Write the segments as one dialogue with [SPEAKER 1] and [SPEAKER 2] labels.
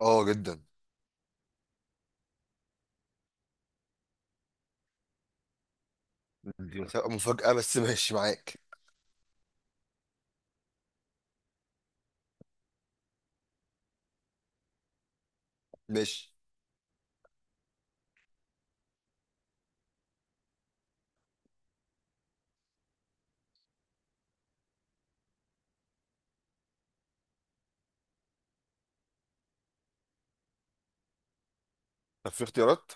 [SPEAKER 1] اه جدا. دي هتبقى مفاجأة، بس ماشي معاك. ماشي، طب في اختيارات؟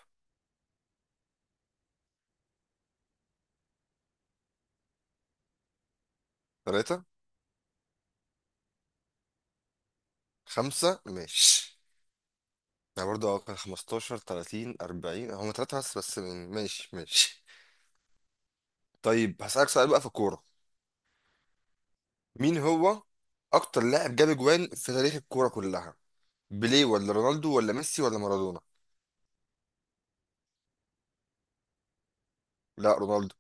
[SPEAKER 1] ثلاثة. خمسة، ماشي. يعني برضه كان 15 30 40، هم ثلاثة بس ماشي، ماشي. طيب، هسألك سؤال بقى في الكورة. مين هو أكتر لاعب جاب أجوان في تاريخ الكورة كلها؟ بيليه، ولا رونالدو، ولا ميسي، ولا مارادونا؟ لا، رونالدو.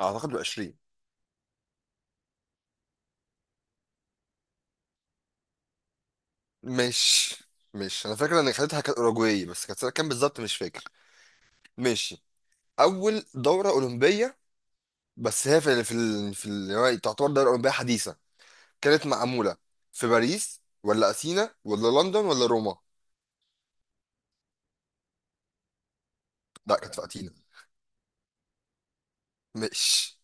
[SPEAKER 1] أعتقد ب 20. ماشي. ماشي، أنا فاكر إن خدتها كانت أوروجواي، بس كانت سنة كام بالظبط مش فاكر. ماشي. أول دورة أولمبية، بس هي يعني تعتبر دولة أوروبية حديثة، كانت معمولة في باريس، ولا أثينا، ولا لندن، ولا روما؟ لا، كانت في أثينا. مش.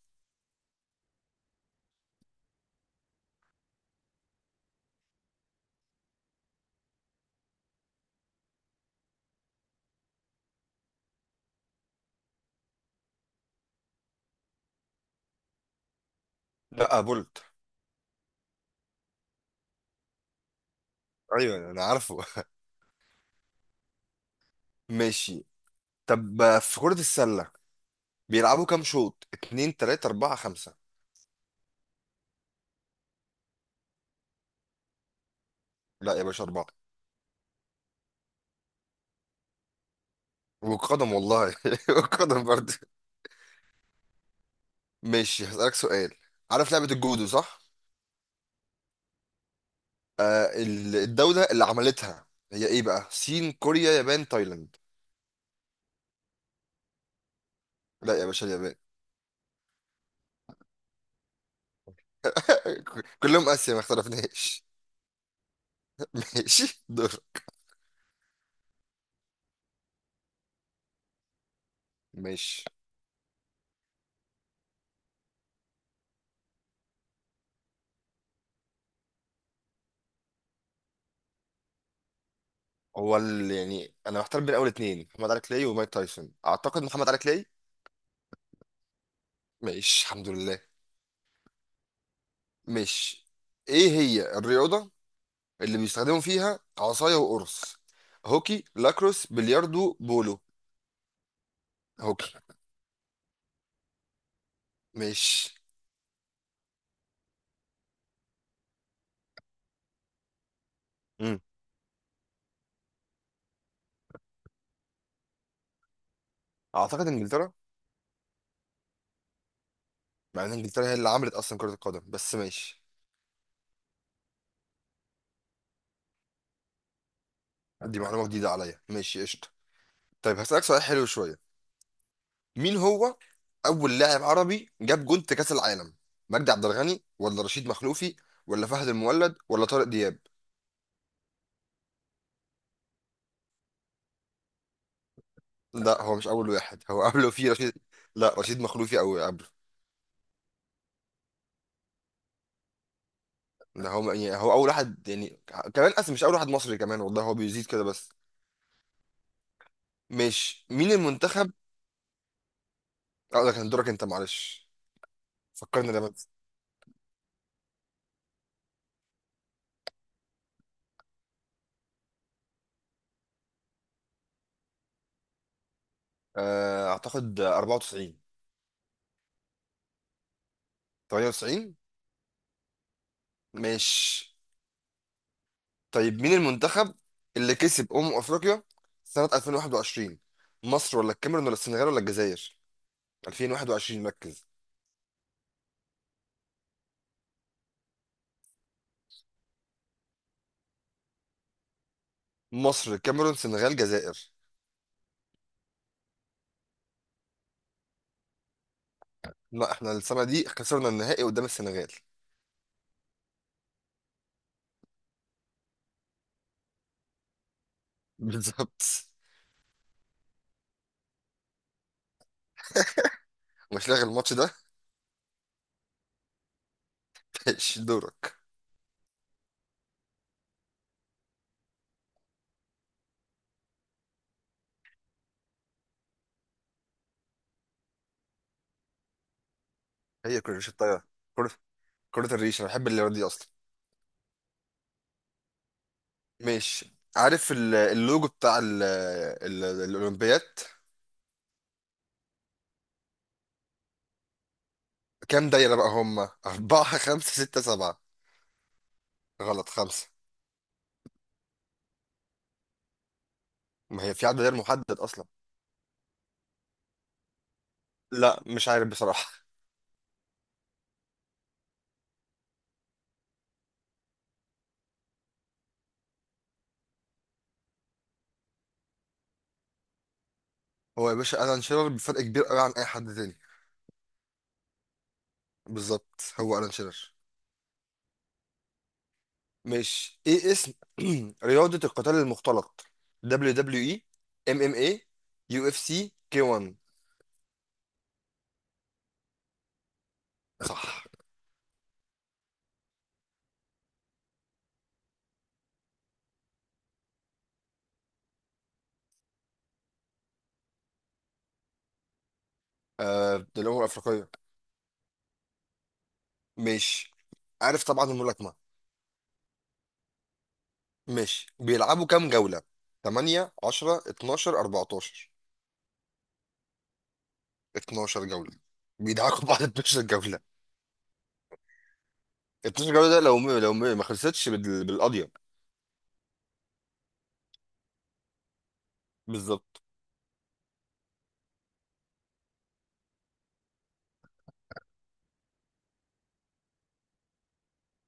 [SPEAKER 1] لا، بولت. أيوه، أنا عارفه. ماشي. طب في كرة السلة، بيلعبوا كام شوط؟ اتنين، تلاتة، أربعة، خمسة؟ لا يا باشا، أربعة. والقدم، والله والقدم برضه. ماشي، هسألك سؤال. عارف لعبة الجودو، صح؟ الدولة اللي عملتها هي إيه بقى؟ صين، كوريا، يابان، تايلاند؟ لا يا باشا، اليابان. كلهم اسيا، ما اختلفناش. ماشي، دور. ماشي. يعني انا محتار بين اول اتنين، محمد علي كلاي ومايك تايسون، اعتقد محمد علي كلاي. ماشي، الحمد لله. ماشي. ايه هي الرياضة اللي بيستخدموا فيها عصاية وقرص؟ هوكي، لاكروس، بلياردو، بولو؟ هوكي. ماشي. امم. اعتقد انجلترا. مع ان انجلترا هي اللي عملت اصلا كرة القدم، بس ماشي. دي معلومة جديدة عليا، ماشي، قشطة. طيب، هسألك سؤال حلو شوية. مين هو اول لاعب عربي جاب جون في كاس العالم؟ مجدي عبد الغني، ولا رشيد مخلوفي، ولا فهد المولد، ولا طارق دياب؟ لا، هو مش اول واحد، هو قبله في رشيد. لا، رشيد مخلوفي او قبله. ده هو، يعني هو اول واحد، يعني كمان اصلا مش اول واحد مصري كمان، والله هو بيزيد كده بس. مش. مين المنتخب؟ اه، ده كان دورك انت، معلش. فكرني ده بس. اعتقد 94. 98. ماشي. طيب، مين المنتخب اللي كسب أمم أفريقيا سنة 2021؟ مصر، ولا الكاميرون، ولا السنغال، ولا الجزائر؟ 2021، ركز. مصر، الكاميرون، سنغال، جزائر. لا، احنا السنة دي خسرنا النهائي قدام السنغال. بالظبط. مش لاغي الماتش ده. ماشي، دورك. هي كرة الريش الطايرة. كرة كرة الريش انا بحب اللي دي اصلا. ماشي، عارف اللوجو بتاع ال الأولمبياد؟ كام دايرة بقى هم؟ أربعة، خمسة، ستة، سبعة؟ غلط، خمسة. ما هي في عدد غير محدد أصلا. لا، مش عارف بصراحة. هو يا باشا ألان شيرر، بفرق كبير قوي عن أي حد تاني. بالظبط، هو ألان شيرر. مش، إيه اسم رياضة القتال المختلط؟ دبليو دبليو إي، إم إم إيه، يو إف سي، كي 1؟ صح. آه، دي الأمم الأفريقية. مش. عارف طبعا الملاكمة. مش، بيلعبوا كام جولة؟ 8، 10، 12، 14؟ 12 جولة. بيدعكوا بعض 12 جولة. 12 جولة، ده لو ما خلصتش بالقضية. بالظبط.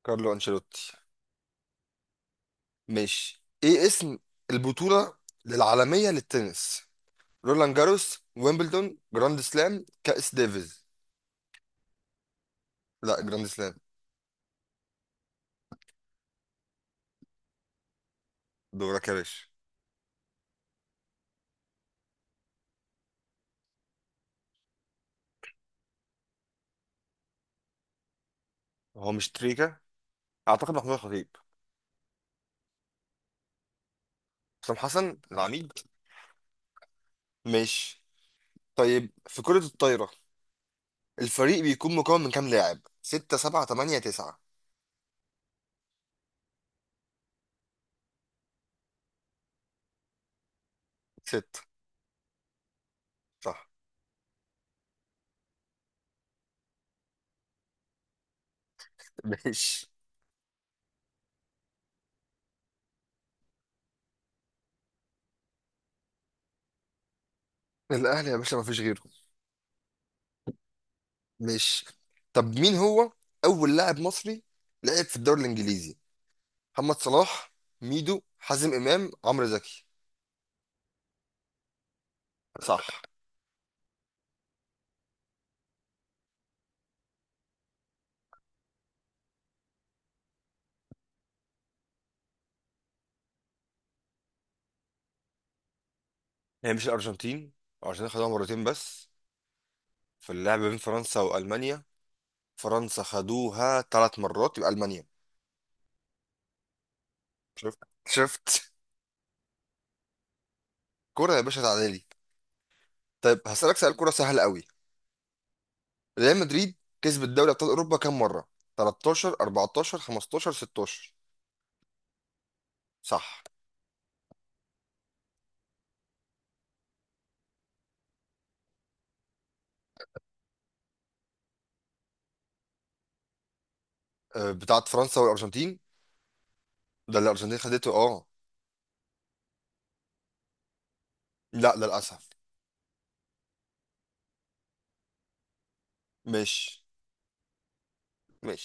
[SPEAKER 1] كارلو أنشيلوتي. ماشي، ايه اسم البطولة العالمية للتنس؟ رولان جاروس، ويمبلدون، جراند سلام، كأس ديفيز؟ لا، جراند سلام. دورك يا باشا. هو مش تريكا، اعتقد محمود الخطيب. حسام حسن، العميد. ماشي. طيب، في كرة الطايرة الفريق بيكون مكون من كام لاعب؟ ستة، سبعة، تمانية، تسعة؟ ستة. صح. ماشي. الأهلي يا باشا، مفيش غيره. ماشي. طب، مين هو أول لاعب مصري لعب في الدوري الإنجليزي؟ محمد صلاح، ميدو، حازم امام، عمرو زكي؟ صح. هي مش الارجنتين. الارجنتين خدوها مرتين بس. في اللعب بين فرنسا والمانيا، فرنسا خدوها 3 مرات، يبقى المانيا. شفت، شفت. كرة يا باشا، تعالي. طيب، هسألك سؤال كرة سهل قوي. ريال مدريد كسبت دوري ابطال اوروبا كام مرة؟ 13، 14، 15، 16؟ صح. أه، بتاعت فرنسا والارجنتين. ده اللي الارجنتين خدته، اه. لا للاسف. مش مش.